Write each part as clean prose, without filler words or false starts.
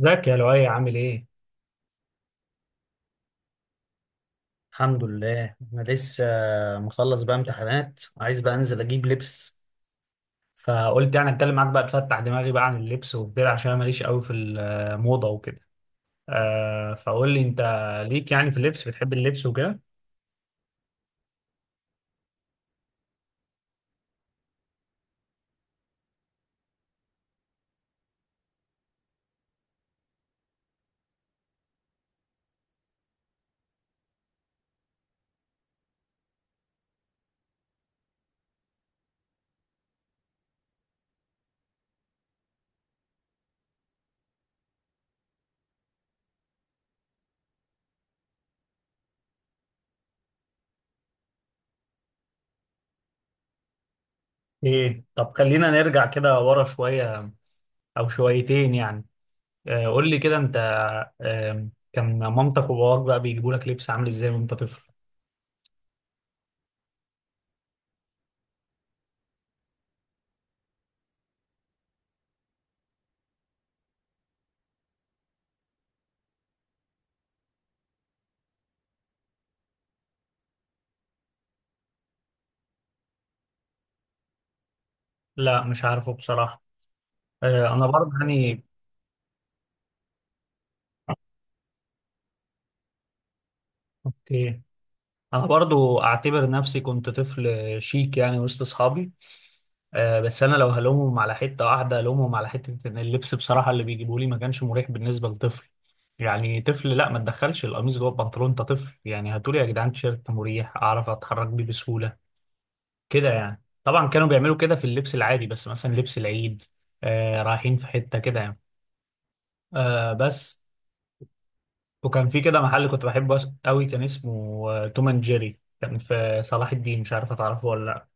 ازيك يا لؤي عامل ايه؟ الحمد لله انا لسه مخلص بقى امتحانات، عايز بقى انزل اجيب لبس، فقلت يعني اتكلم معاك بقى تفتح دماغي بقى عن اللبس وكده عشان انا ماليش قوي في الموضه وكده. آه، فقول لي انت ليك يعني في اللبس؟ بتحب اللبس وكده؟ ايه، طب خلينا نرجع كده ورا شويه او شويتين يعني. آه، قول لي كده انت. آه، كان مامتك وباباك بقى بيجيبوا لك لبس عامل ازاي وانت طفل؟ لا مش عارفه بصراحه. آه، انا برضه يعني اوكي، انا برضو اعتبر نفسي كنت طفل شيك يعني وسط اصحابي. بس انا لو هلومهم على حته واحده هلومهم على حته ان اللبس بصراحه اللي بيجيبوه لي ما كانش مريح بالنسبه لطفل. يعني طفل، لا ما تدخلش القميص جوه البنطلون، انت طفل يعني، هاتولي يا جدعان تيشيرت مريح اعرف اتحرك بيه بسهوله كده يعني. طبعا كانوا بيعملوا كده في اللبس العادي، بس مثلا لبس العيد رايحين في حته كده يعني. آه، بس وكان في كده محل كنت بحبه قوي، كان اسمه توم اند جيري، كان في صلاح الدين، مش عارف هتعرفه ولا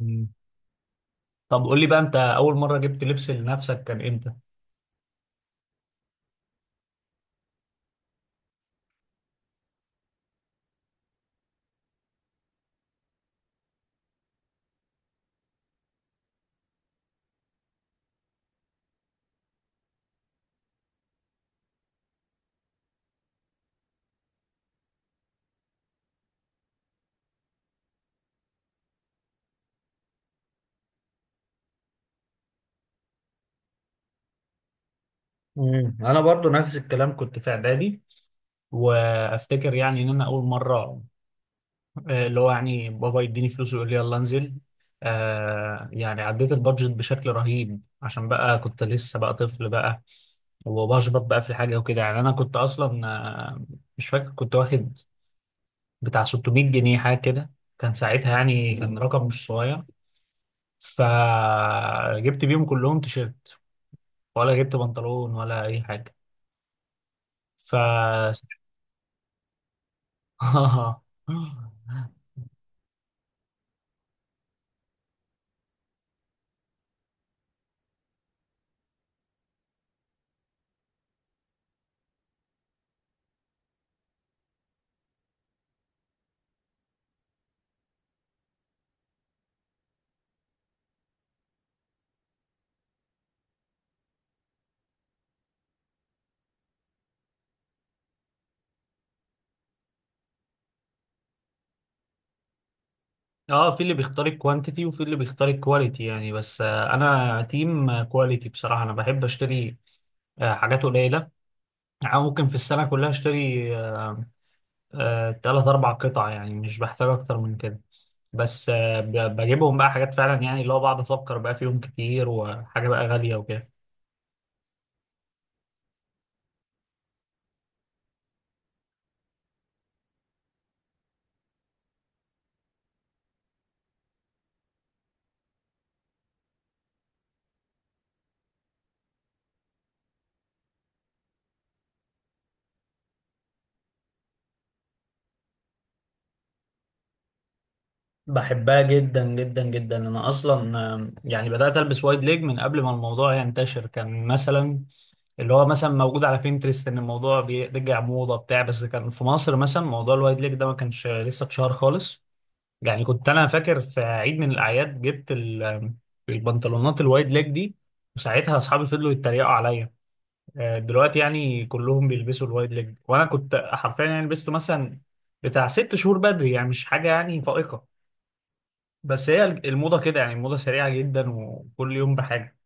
لا. طب قول لي بقى، انت اول مره جبت لبس لنفسك كان امتى؟ انا برضو نفس الكلام، كنت في اعدادي. وافتكر يعني ان انا اول مره، اللي هو يعني بابا يديني فلوس ويقول لي يلا انزل، آه يعني عديت البادجت بشكل رهيب عشان بقى كنت لسه بقى طفل بقى، وبشبط بقى في الحاجه وكده يعني. انا كنت اصلا مش فاكر، كنت واخد بتاع 600 جنيه حاجه كده، كان ساعتها يعني كان رقم مش صغير، فجبت بيهم كلهم تيشيرت، ولا جبت بنطلون ولا اي حاجه. ف... اه، في اللي بيختار الكوانتيتي وفي اللي بيختار الكواليتي يعني. بس انا تيم كواليتي بصراحه، انا بحب اشتري حاجات قليله، يعني ممكن في السنه كلها اشتري تلات اربع قطع، يعني مش بحتاج اكتر من كده. بس بجيبهم بقى حاجات فعلا يعني، اللي هو بقعد افكر بقى فيهم كتير، وحاجه بقى غاليه وكده. بحبها جدا جدا جدا، انا اصلا يعني بدات البس وايد ليج من قبل ما الموضوع ينتشر، كان مثلا اللي هو مثلا موجود على بينترست ان الموضوع بيرجع موضه بتاع بس كان في مصر مثلا موضوع الوايد ليج ده ما كانش لسه اتشهر خالص. يعني كنت انا فاكر في عيد من الاعياد جبت البنطلونات الوايد ليج دي، وساعتها اصحابي فضلوا يتريقوا عليا. دلوقتي يعني كلهم بيلبسوا الوايد ليج، وانا كنت حرفيا يعني لبسته مثلا بتاع ست شهور بدري، يعني مش حاجه يعني فائقه. بس هي الموضة كده يعني، الموضة سريعة جدا وكل يوم بحاجة.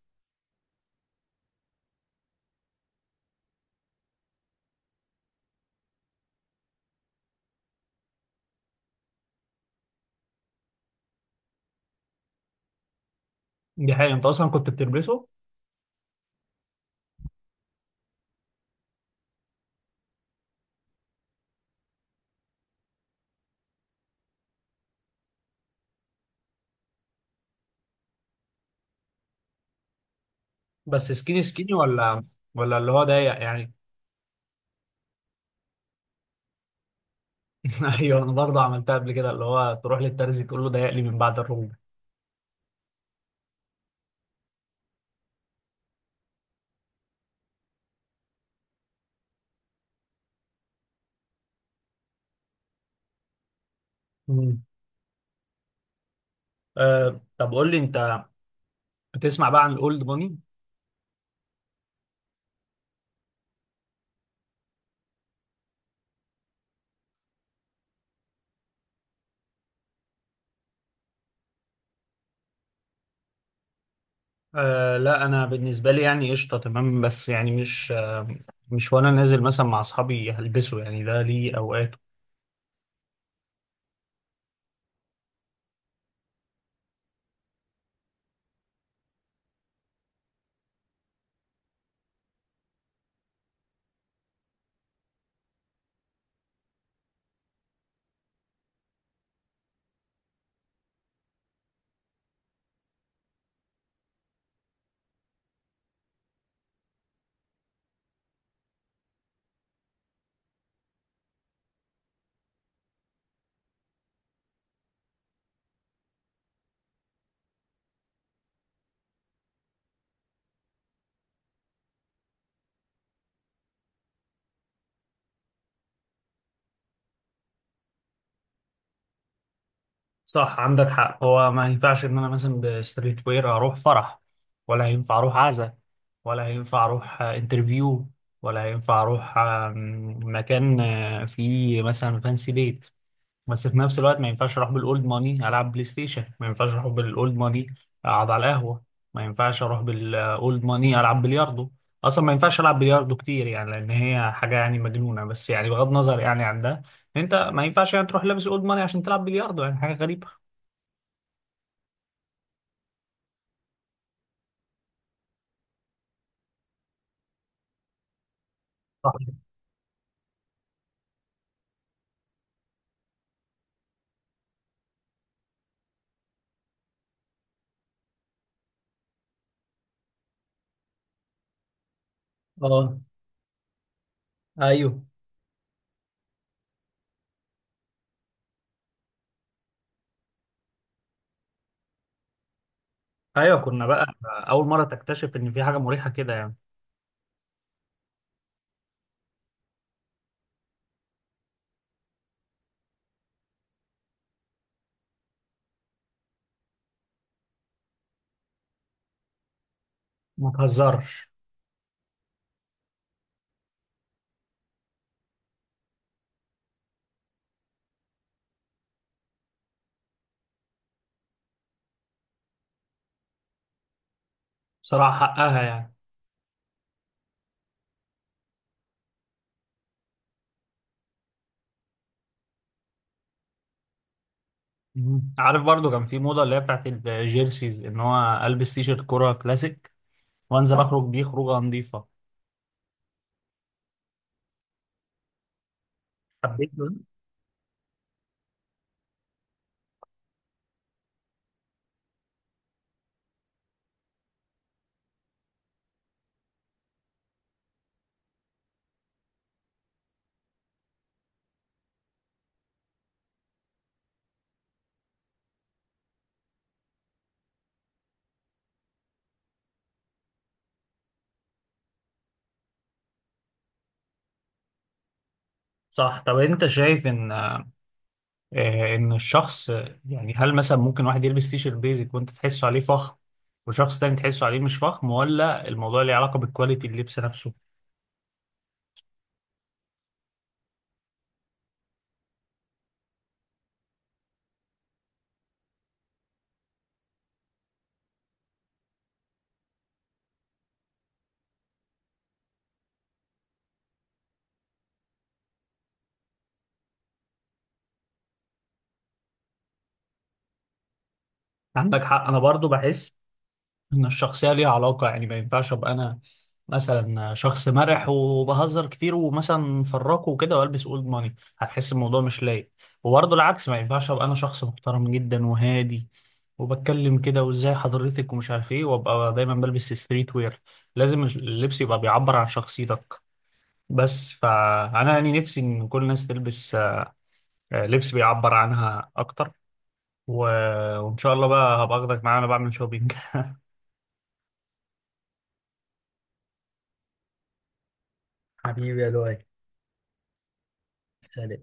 دي حقيقة، انت اصلا كنت بتلبسه؟ بس سكيني سكيني ولا ولا اللي هو ضيق يعني؟ ايوه، انا برضه عملتها قبل كده، اللي هو تروح للترزي تقول له ضيق لي من بعد الركبة. مم. طب قول لي انت، بتسمع بقى عن الاولد ماني؟ آه لا، انا بالنسبة لي يعني قشطة تمام، بس يعني مش، مش وانا نازل مثلا مع اصحابي هلبسه يعني، ده ليه اوقات. صح، عندك حق. هو ما ينفعش ان انا مثلا بستريت وير اروح فرح، ولا هينفع اروح عزا، ولا هينفع اروح انترفيو، ولا هينفع اروح مكان فيه مثلا فانسي ديت. بس في نفس الوقت ما ينفعش اروح بالاولد ماني العب بلاي ستيشن، ما ينفعش اروح بالاولد ماني اقعد على القهوه، ما ينفعش اروح بالاولد ماني العب بلياردو. اصلا ما ينفعش العب بلياردو كتير يعني لان هي حاجه يعني مجنونه، بس يعني بغض النظر يعني عن ده، انت ما ينفعش يعني تروح لابس اولد ماني عشان تلعب بلياردو، يعني حاجه غريبه. صح. اه، ايوه. ايوه، كنا بقى اول مره تكتشف ان في حاجه مريحه كده يعني. ما تهزرش. بصراحه حقها يعني. عارف، برضو كان في موضه اللي هي بتاعت الجيرسيز، ان هو البس تي شيرت كوره كلاسيك وانزل اخرج بيه خروجه نظيفه. حبيت ده؟ صح. طب انت شايف ان ان الشخص، يعني هل مثلا ممكن واحد يلبس تي شيرت بيزك وانت تحسه عليه فخم، وشخص تاني تحسه عليه مش فخم؟ ولا الموضوع ليه علاقه بكواليتي اللبس نفسه؟ عندك حق، انا برضو بحس ان الشخصيه ليها علاقه، يعني ما ينفعش ابقى انا مثلا شخص مرح وبهزر كتير ومثلا فراكه وكده والبس اولد ماني، هتحس الموضوع مش لايق. وبرضه العكس، ما ينفعش ابقى انا شخص محترم جدا وهادي وبتكلم كده وازاي حضرتك ومش عارف ايه، وابقى دايما بلبس ستريت وير. لازم اللبس يبقى بيعبر عن شخصيتك. بس فانا يعني نفسي ان كل الناس تلبس لبس بيعبر عنها اكتر. و... وان شاء الله بقى هبقى اخدك معايا وانا بعمل شوبينج. حبيبي يا لؤي. سلام.